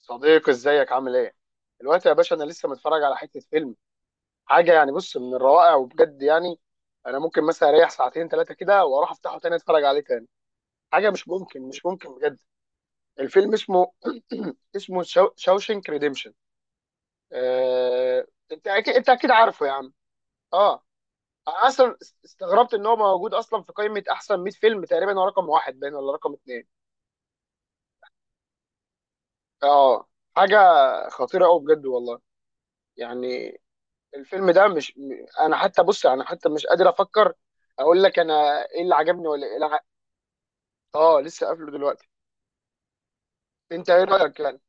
صديقي ازيك عامل ايه؟ دلوقتي يا باشا انا لسه متفرج على حته فيلم. حاجه يعني بص، من الروائع وبجد يعني. انا ممكن مثلا اريح ساعتين ثلاثه كده واروح افتحه تاني اتفرج عليه تاني. حاجه مش ممكن بجد. الفيلم اسمه اسمه شاوشنك ريديمشن. انت اكيد عارفه يا عم. اه. انا اصلا استغربت ان هو موجود اصلا في قائمه احسن 100 فيلم، تقريبا هو رقم واحد باين ولا رقم اثنين. اه. حاجه خطيره قوي بجد والله. يعني الفيلم ده مش م- انا حتى بص، انا حتى مش قادر افكر اقول لك انا ايه اللي عجبني ولا اه لسه قافله دلوقتي. انت ايه رايك يعني؟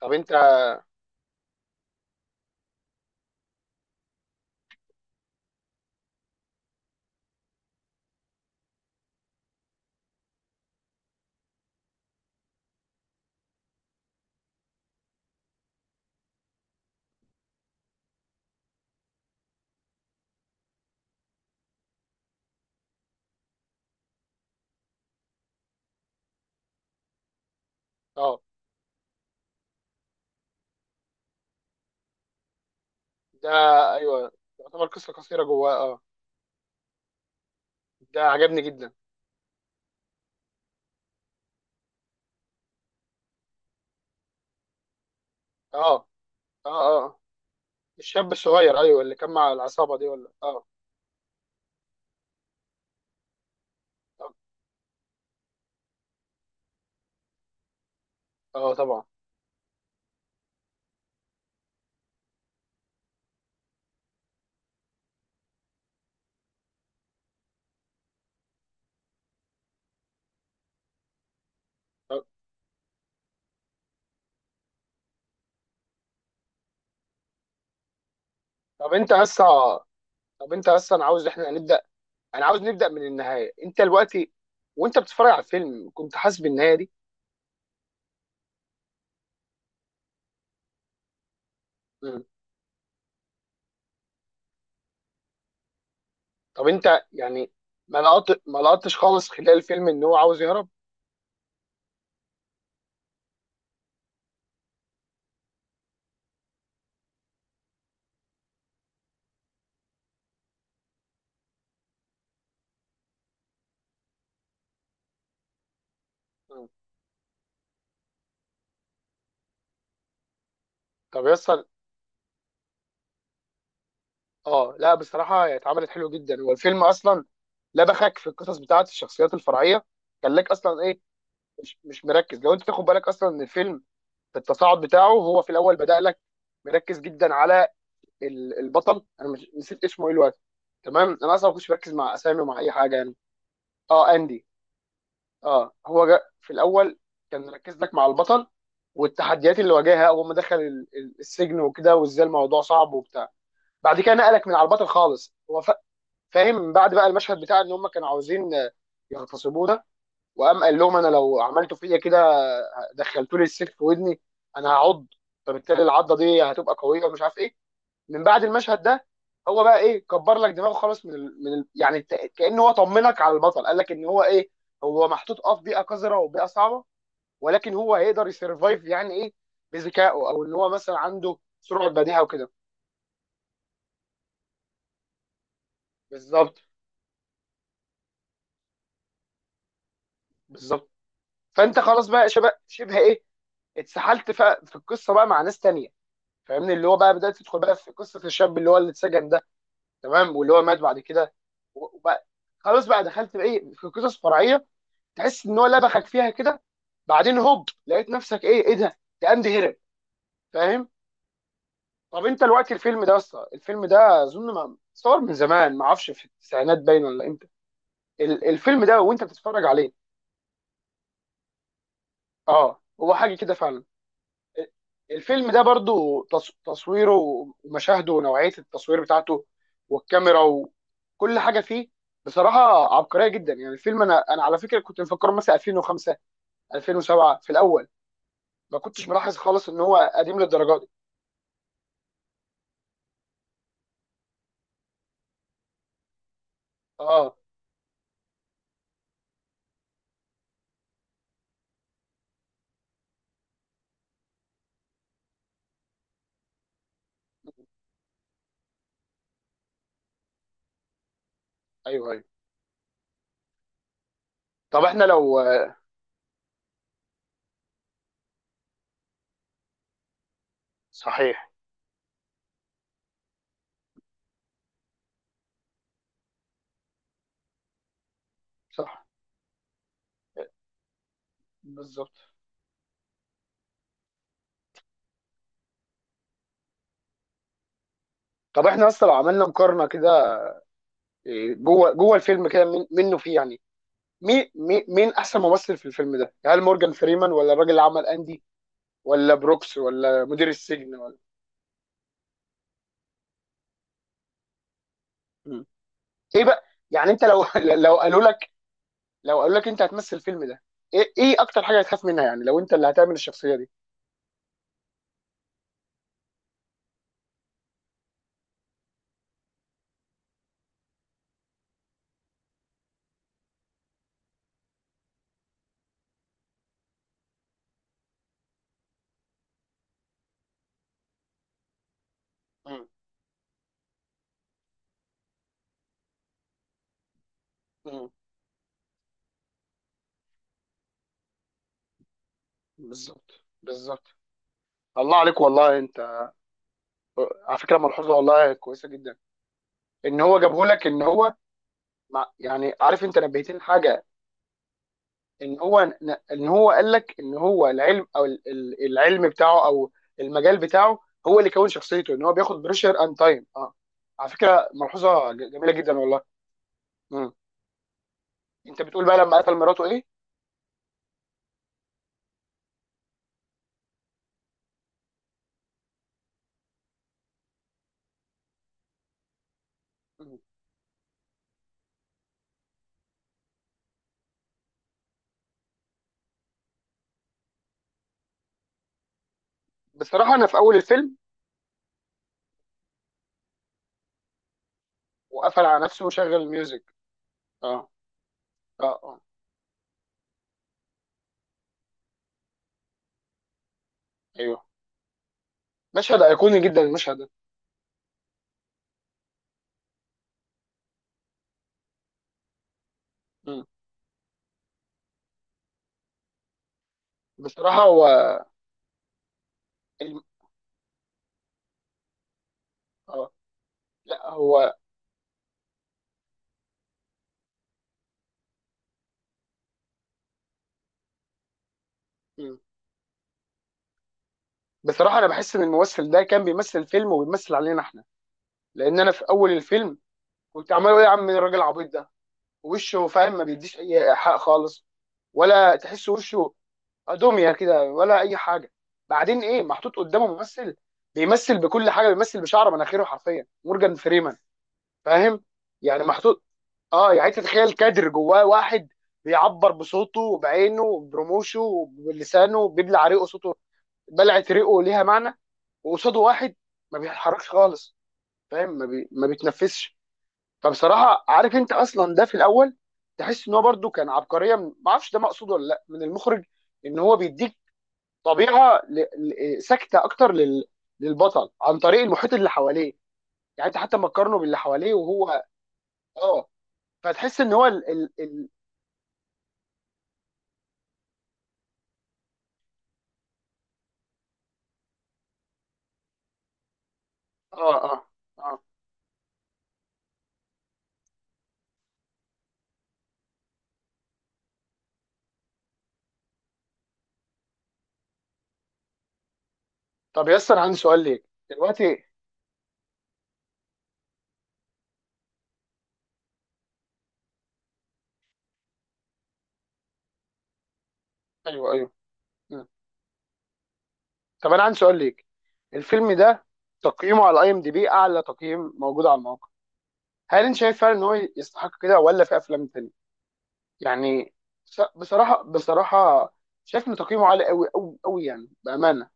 طب انت. اه. ده ايوه، يعتبر قصه قصيره جواه. اه. ده عجبني جدا. اه اه اه، الشاب الصغير، ايوه اللي كان مع العصابه دي ولا. اه اه آه، طبعا. طب, طب انت اصلا طب انت اصلا عاوز احنا نبدا. انا عاوز نبدا من النهايه. انت دلوقتي وانت بتتفرج على الفيلم كنت حاسس بالنهايه دي؟ طب انت يعني ما لقطتش خالص خلال الفيلم ان هو عاوز يهرب؟ مم. طب يسطا، اه لا بصراحه، هي اتعملت حلو جدا هو الفيلم اصلا. لبخك في القصص بتاعت الشخصيات الفرعيه خلاك اصلا ايه، مش مركز، لو انت تاخد بالك اصلا ان الفيلم في التصاعد بتاعه هو في الاول بدأ لك مركز جدا على البطل. انا مش نسيت اسمه ايه الوقت. تمام، انا اصلا ما كنتش مركز مع اسامي ومع اي حاجه يعني. اه، اندي. اه، هو جا في الاول كان مركز لك مع البطل والتحديات اللي واجهها اول ما دخل السجن وكده وازاي الموضوع صعب وبتاع. بعد كده نقلك من على البطل خالص. هو فاهم، من بعد بقى المشهد بتاع ان هم كانوا عاوزين يغتصبونا. وقام قال لهم انا لو عملتوا فيا كده، دخلتوا لي السلك في ودني انا هعض، فبالتالي العضه دي هتبقى قويه ومش عارف ايه. من بعد المشهد ده هو بقى ايه، كبر لك دماغه خالص من يعني كأنه هو طمنك على البطل. قال لك ان هو ايه، هو محطوط اه في بيئه قذره وبيئه صعبه، ولكن هو هيقدر يسرفايف يعني ايه، بذكائه او ان هو مثلا عنده سرعه بديهه وكده. بالظبط بالظبط. فانت خلاص بقى شبه ايه، اتسحلت في القصه بقى مع ناس تانية، فاهمني، اللي هو بقى بدات تدخل بقى في قصه الشاب اللي هو اللي اتسجن ده. تمام، واللي هو مات بعد كده وبقى خلاص بقى دخلت بقى ايه في قصص فرعيه تحس ان هو لبخك فيها كده. بعدين هوب لقيت نفسك ايه، ايه ده، قام هرب. فاهم. طب انت دلوقتي الفيلم ده اصلا، الفيلم ده اظن ما صور من زمان، ما اعرفش في التسعينات باين ولا امتى. الفيلم ده وانت بتتفرج عليه، اه هو حاجه كده فعلا. ال- الفيلم ده برضو تصويره ومشاهده ونوعيه التصوير بتاعته والكاميرا وكل حاجه فيه، بصراحه عبقريه جدا يعني. الفيلم انا على فكره كنت مفكره مثلا 2005، 2007 في الاول. ما كنتش ملاحظ خالص ان هو قديم للدرجه دي. اه. ايوه ايوه. طب احنا لو. صحيح. صح بالظبط. طب احنا اصلا لو عملنا مقارنه كده، إيه، جوه الفيلم كده منه فيه يعني مين احسن ممثل في الفيلم ده؟ هل مورجان فريمان ولا الراجل اللي عمل اندي ولا بروكس ولا مدير السجن ولا؟ مم. ايه بقى؟ يعني انت لو، لو قالوا لك، لو قالوا لك انت هتمثل الفيلم ده، ايه ايه اكتر حاجه هتخاف منها يعني لو انت اللي هتعمل الشخصيه دي؟ مم. مم. بالظبط بالظبط. الله عليك والله. على فكره ملحوظه والله كويسه جدا. ان هو جابه لك ان هو مع، يعني عارف انت نبهتين حاجه. ان هو ان هو قال لك ان هو العلم او العلم بتاعه او المجال بتاعه هو اللي كون شخصيته، ان هو بياخد بريشر اند تايم. اه، على فكره ملحوظه جميله جدا والله. مم. انت بتقول بقى لما قتل مراته ايه؟ مم. بصراحه انا في اول الفيلم. وقفل على نفسه وشغل الميوزك. اه اه اه. ايوه، مشهد ايقوني جدا المشهد ده. مم. بصراحه هو. الم- اه لا هو. مم. بصراحه انا بحس ان الممثل ده كان بيمثل فيلم وبيمثل علينا احنا. لان انا في اول الفيلم كنت عمال اقول يا عم مين الراجل العبيط ده. وشه فاهم، ما بيديش اي حق خالص، ولا تحس وشه ادوميا كده ولا اي حاجه. بعدين ايه، محطوط قدامه ممثل بيمثل بكل حاجه، بيمثل بشعر مناخيره حرفيا، مورجان فريمان. فاهم. يعني محطوط اه، يعني أنت تتخيل كادر جواه واحد بيعبر بصوته وبعينه وبرموشه وبلسانه بيبلع ريقه صوته، بلعه ريقه ليها معنى، وقصاده واحد ما بيتحركش خالص، فاهم ما بيتنفسش. فبصراحه عارف انت اصلا، ده في الاول تحس ان هو برده كان عبقريه من، ما اعرفش ده مقصود ولا لا، من المخرج. ان هو بيديك طبيعه ساكته اكتر للبطل عن طريق المحيط اللي حواليه. يعني انت حتى ما تقارنه باللي حواليه وهو. اه. فتحس ان هو اه اه اه. طب ياسر، عندي سؤال ليك. دلوقتي. ايوه ايوه. طب انا عندي سؤال ليك. الفيلم ده تقييمه على اي ام دي بي اعلى تقييم موجود على الموقع. هل انت شايف فعلا ان هو يستحق كده، ولا في افلام تانية يعني؟ بصراحه بصراحه، شايف ان تقييمه عالي قوي قوي قوي يعني بامانه.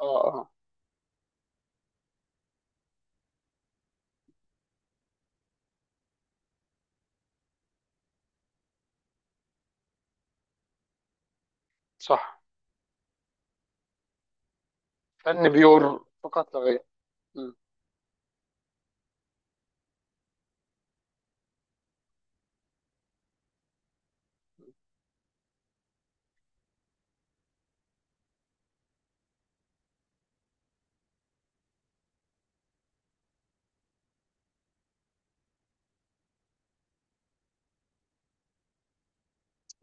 اه اه آه. صح. فن بيور فقط لا غير. مم.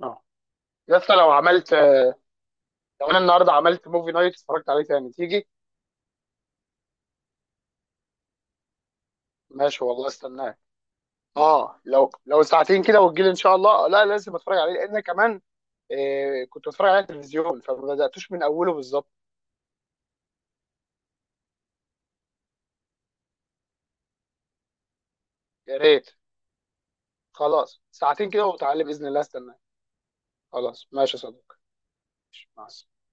اه. يا اسطى لو عملت، لو انا النهارده عملت موفي نايت اتفرجت عليه تاني، تيجي؟ ماشي والله، استناك. اه لو، لو ساعتين كده وتجيلي ان شاء الله. لا لازم اتفرج عليه لان كمان إيه، كنت بتفرج على التلفزيون فما بداتوش من اوله بالظبط. يا ريت. خلاص ساعتين كده وتعالى باذن الله، استناك. خلاص ماشي يا صديقي. مع السلامه.